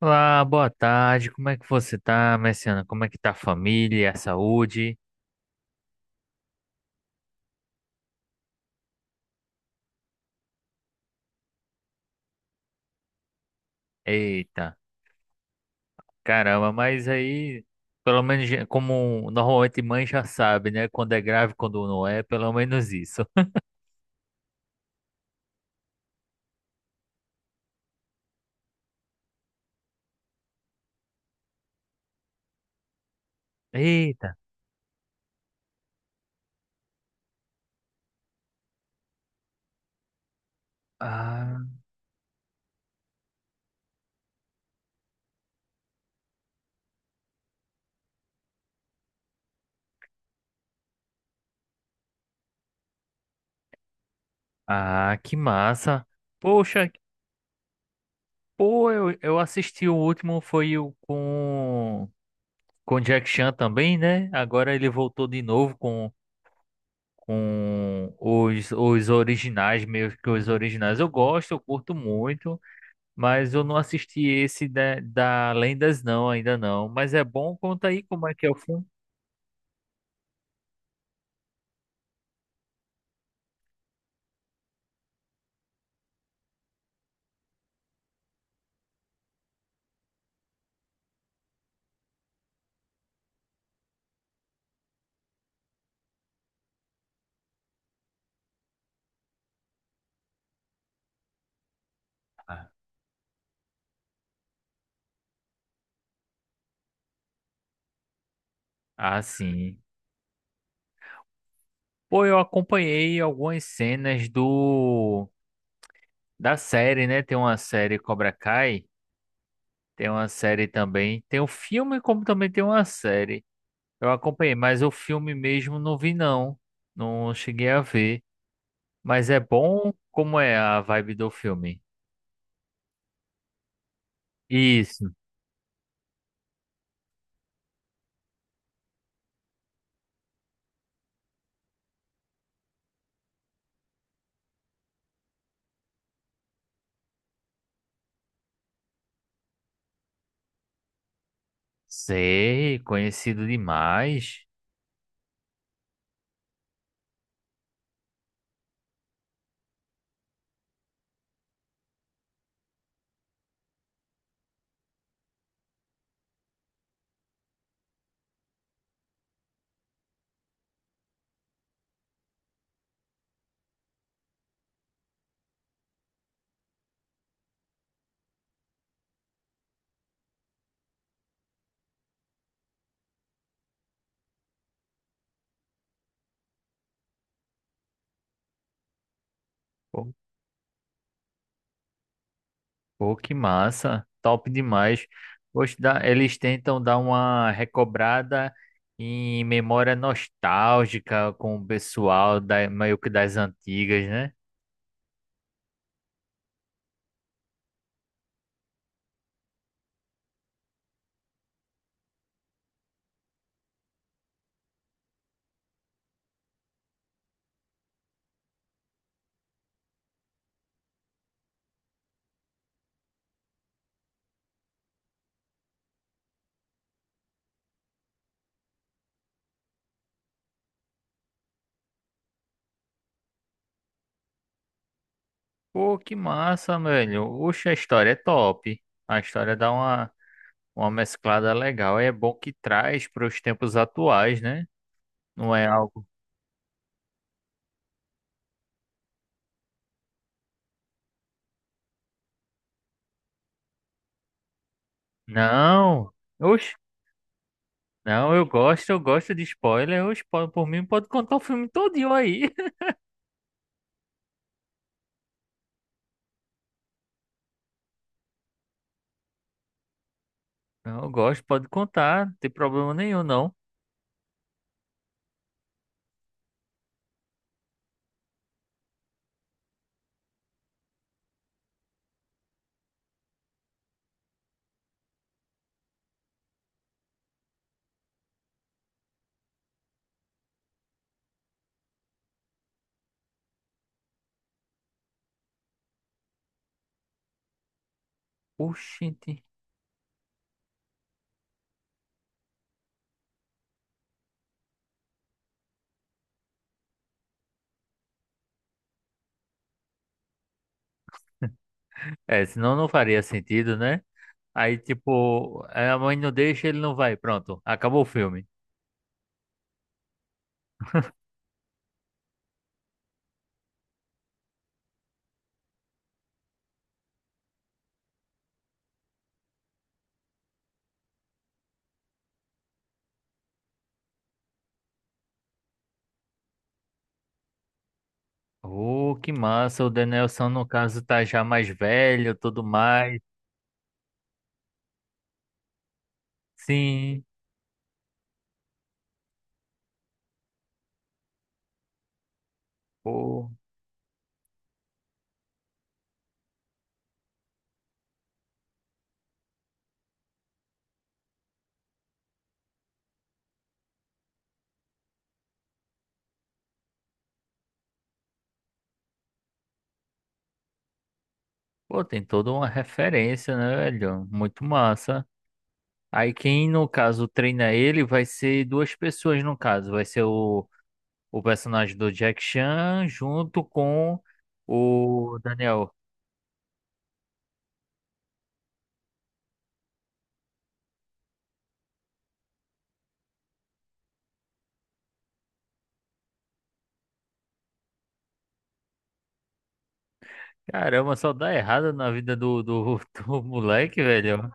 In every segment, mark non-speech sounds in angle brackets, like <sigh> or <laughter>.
Olá, boa tarde. Como é que você tá, Messiana? Como é que tá a família, a saúde? Eita, caramba, mas aí, pelo menos já- como normalmente mãe já sabe, né? Quando é grave, quando não é, pelo menos isso. Eita, ah, ah, que massa. Poxa, pô, eu assisti o último, foi o com Jack Chan também, né? Agora ele voltou de novo com os originais, meio que os originais. Eu gosto, eu curto muito, mas eu não assisti esse da Lendas, não, ainda não. Mas é bom, conta aí como é que é o filme. Ah, ah, sim. Pô, eu acompanhei algumas cenas do da série, né? Tem uma série Cobra Kai, tem uma série também, tem o filme, como também tem uma série. Eu acompanhei, mas o filme mesmo não vi, não. Não cheguei a ver. Mas é bom? Como é a vibe do filme? Isso. Sei, conhecido demais. Pô, pô, que massa. Top demais. Poxa, dá- eles tentam dar uma recobrada em memória nostálgica com o pessoal da, meio que das antigas, né? Pô, que massa, velho. Oxe, a história é top. A história dá uma mesclada legal. É bom que traz para os tempos atuais, né? Não é algo. Não! Oxe. Não, eu gosto de spoiler. Eu spoiler por mim pode contar o filme todinho aí. <laughs> Não, eu gosto, pode contar, não tem problema nenhum, não. Oxente. É, senão não faria sentido, né? Aí, tipo, é, a mãe não deixa, ele não vai. Pronto, acabou o filme. Oh, que massa. O Danielson, no caso, tá já mais velho, tudo mais. Sim. Pô, pô, tem toda uma referência, né, velho? Muito massa. Aí quem, no caso, treina ele vai ser duas pessoas, no caso. Vai ser o personagem do Jack Chan junto com o Daniel. Caramba, só dá errado na vida do, do, <laughs> do moleque, velho.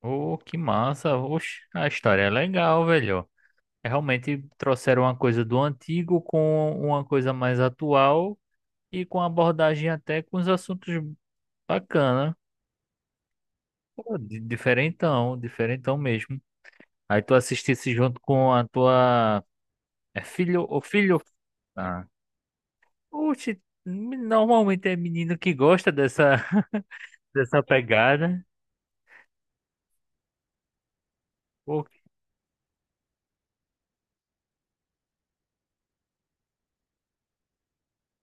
Ô, que massa. Oxe, a história é legal, velho. Realmente trouxeram uma coisa do antigo com uma coisa mais atual e com abordagem até com os assuntos bacana. Pô, di- diferentão, diferentão mesmo. Aí tu assistisse junto com a tua... É filho ou filho? Ah. Oxe, normalmente é menino que gosta dessa, <laughs> dessa pegada. Pô, que-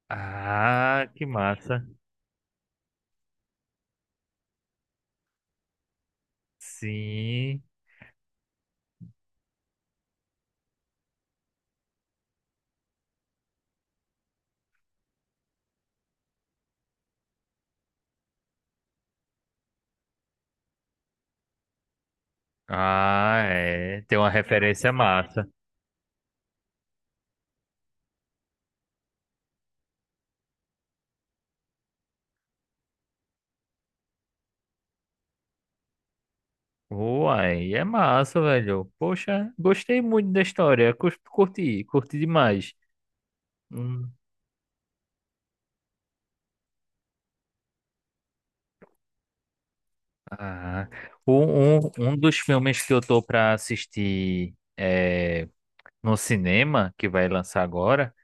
Ah, que massa. Sim. Ah, é. Tem uma referência massa. Uai, é massa, velho. Poxa, gostei muito da história. Cus- curti, curti demais. Hum. Ah, um dos filmes que eu tô pra assistir é, no cinema, que vai lançar agora.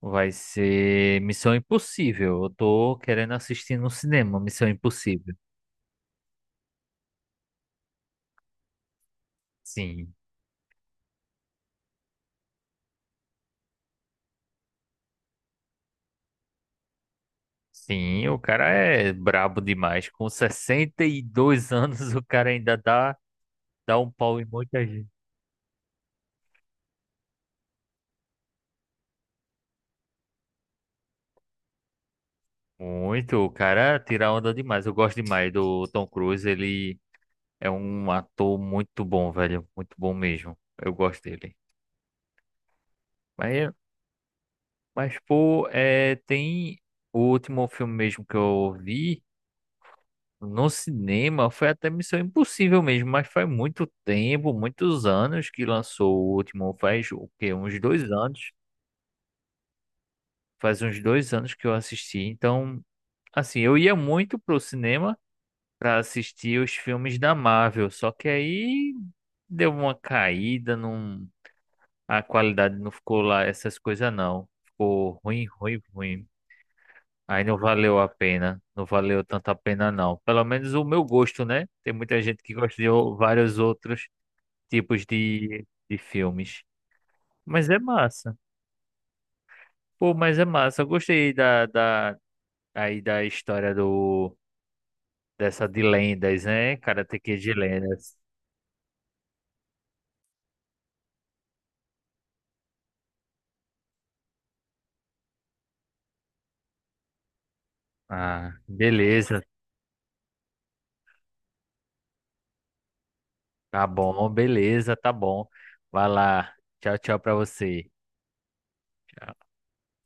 Vai ser Missão Impossível. Eu tô querendo assistir no cinema, Missão Impossível. Sim, sim, o cara é brabo demais. Com 62 <laughs> anos, o cara ainda dá, dá um pau em muita gente. Muito, o cara tira onda demais. Eu gosto demais do Tom Cruise. Ele é um ator muito bom, velho. Muito bom mesmo. Eu gosto dele. Mas, mas pô, é, tem o último filme mesmo que eu vi. No cinema foi até Missão Impossível mesmo, mas faz muito tempo, muitos anos que lançou o último, faz o quê? Uns dois anos. Faz uns dois anos que eu assisti. Então, assim, eu ia muito pro cinema para assistir os filmes da Marvel, só que aí deu uma caída, num... a qualidade não ficou lá, essas coisas não. Ficou ruim, ruim, ruim. Aí não valeu a pena, não valeu tanto a pena não. Pelo menos o meu gosto, né? Tem muita gente que gosta de o- vários outros. Tipos de filmes. Mas é massa. Pô, mas é massa. Eu gostei da, da, aí da história do, dessa de lendas, né? Karate Kid de lendas. Ah, beleza. Tá bom, beleza, tá bom. Vai lá. Tchau, tchau pra você.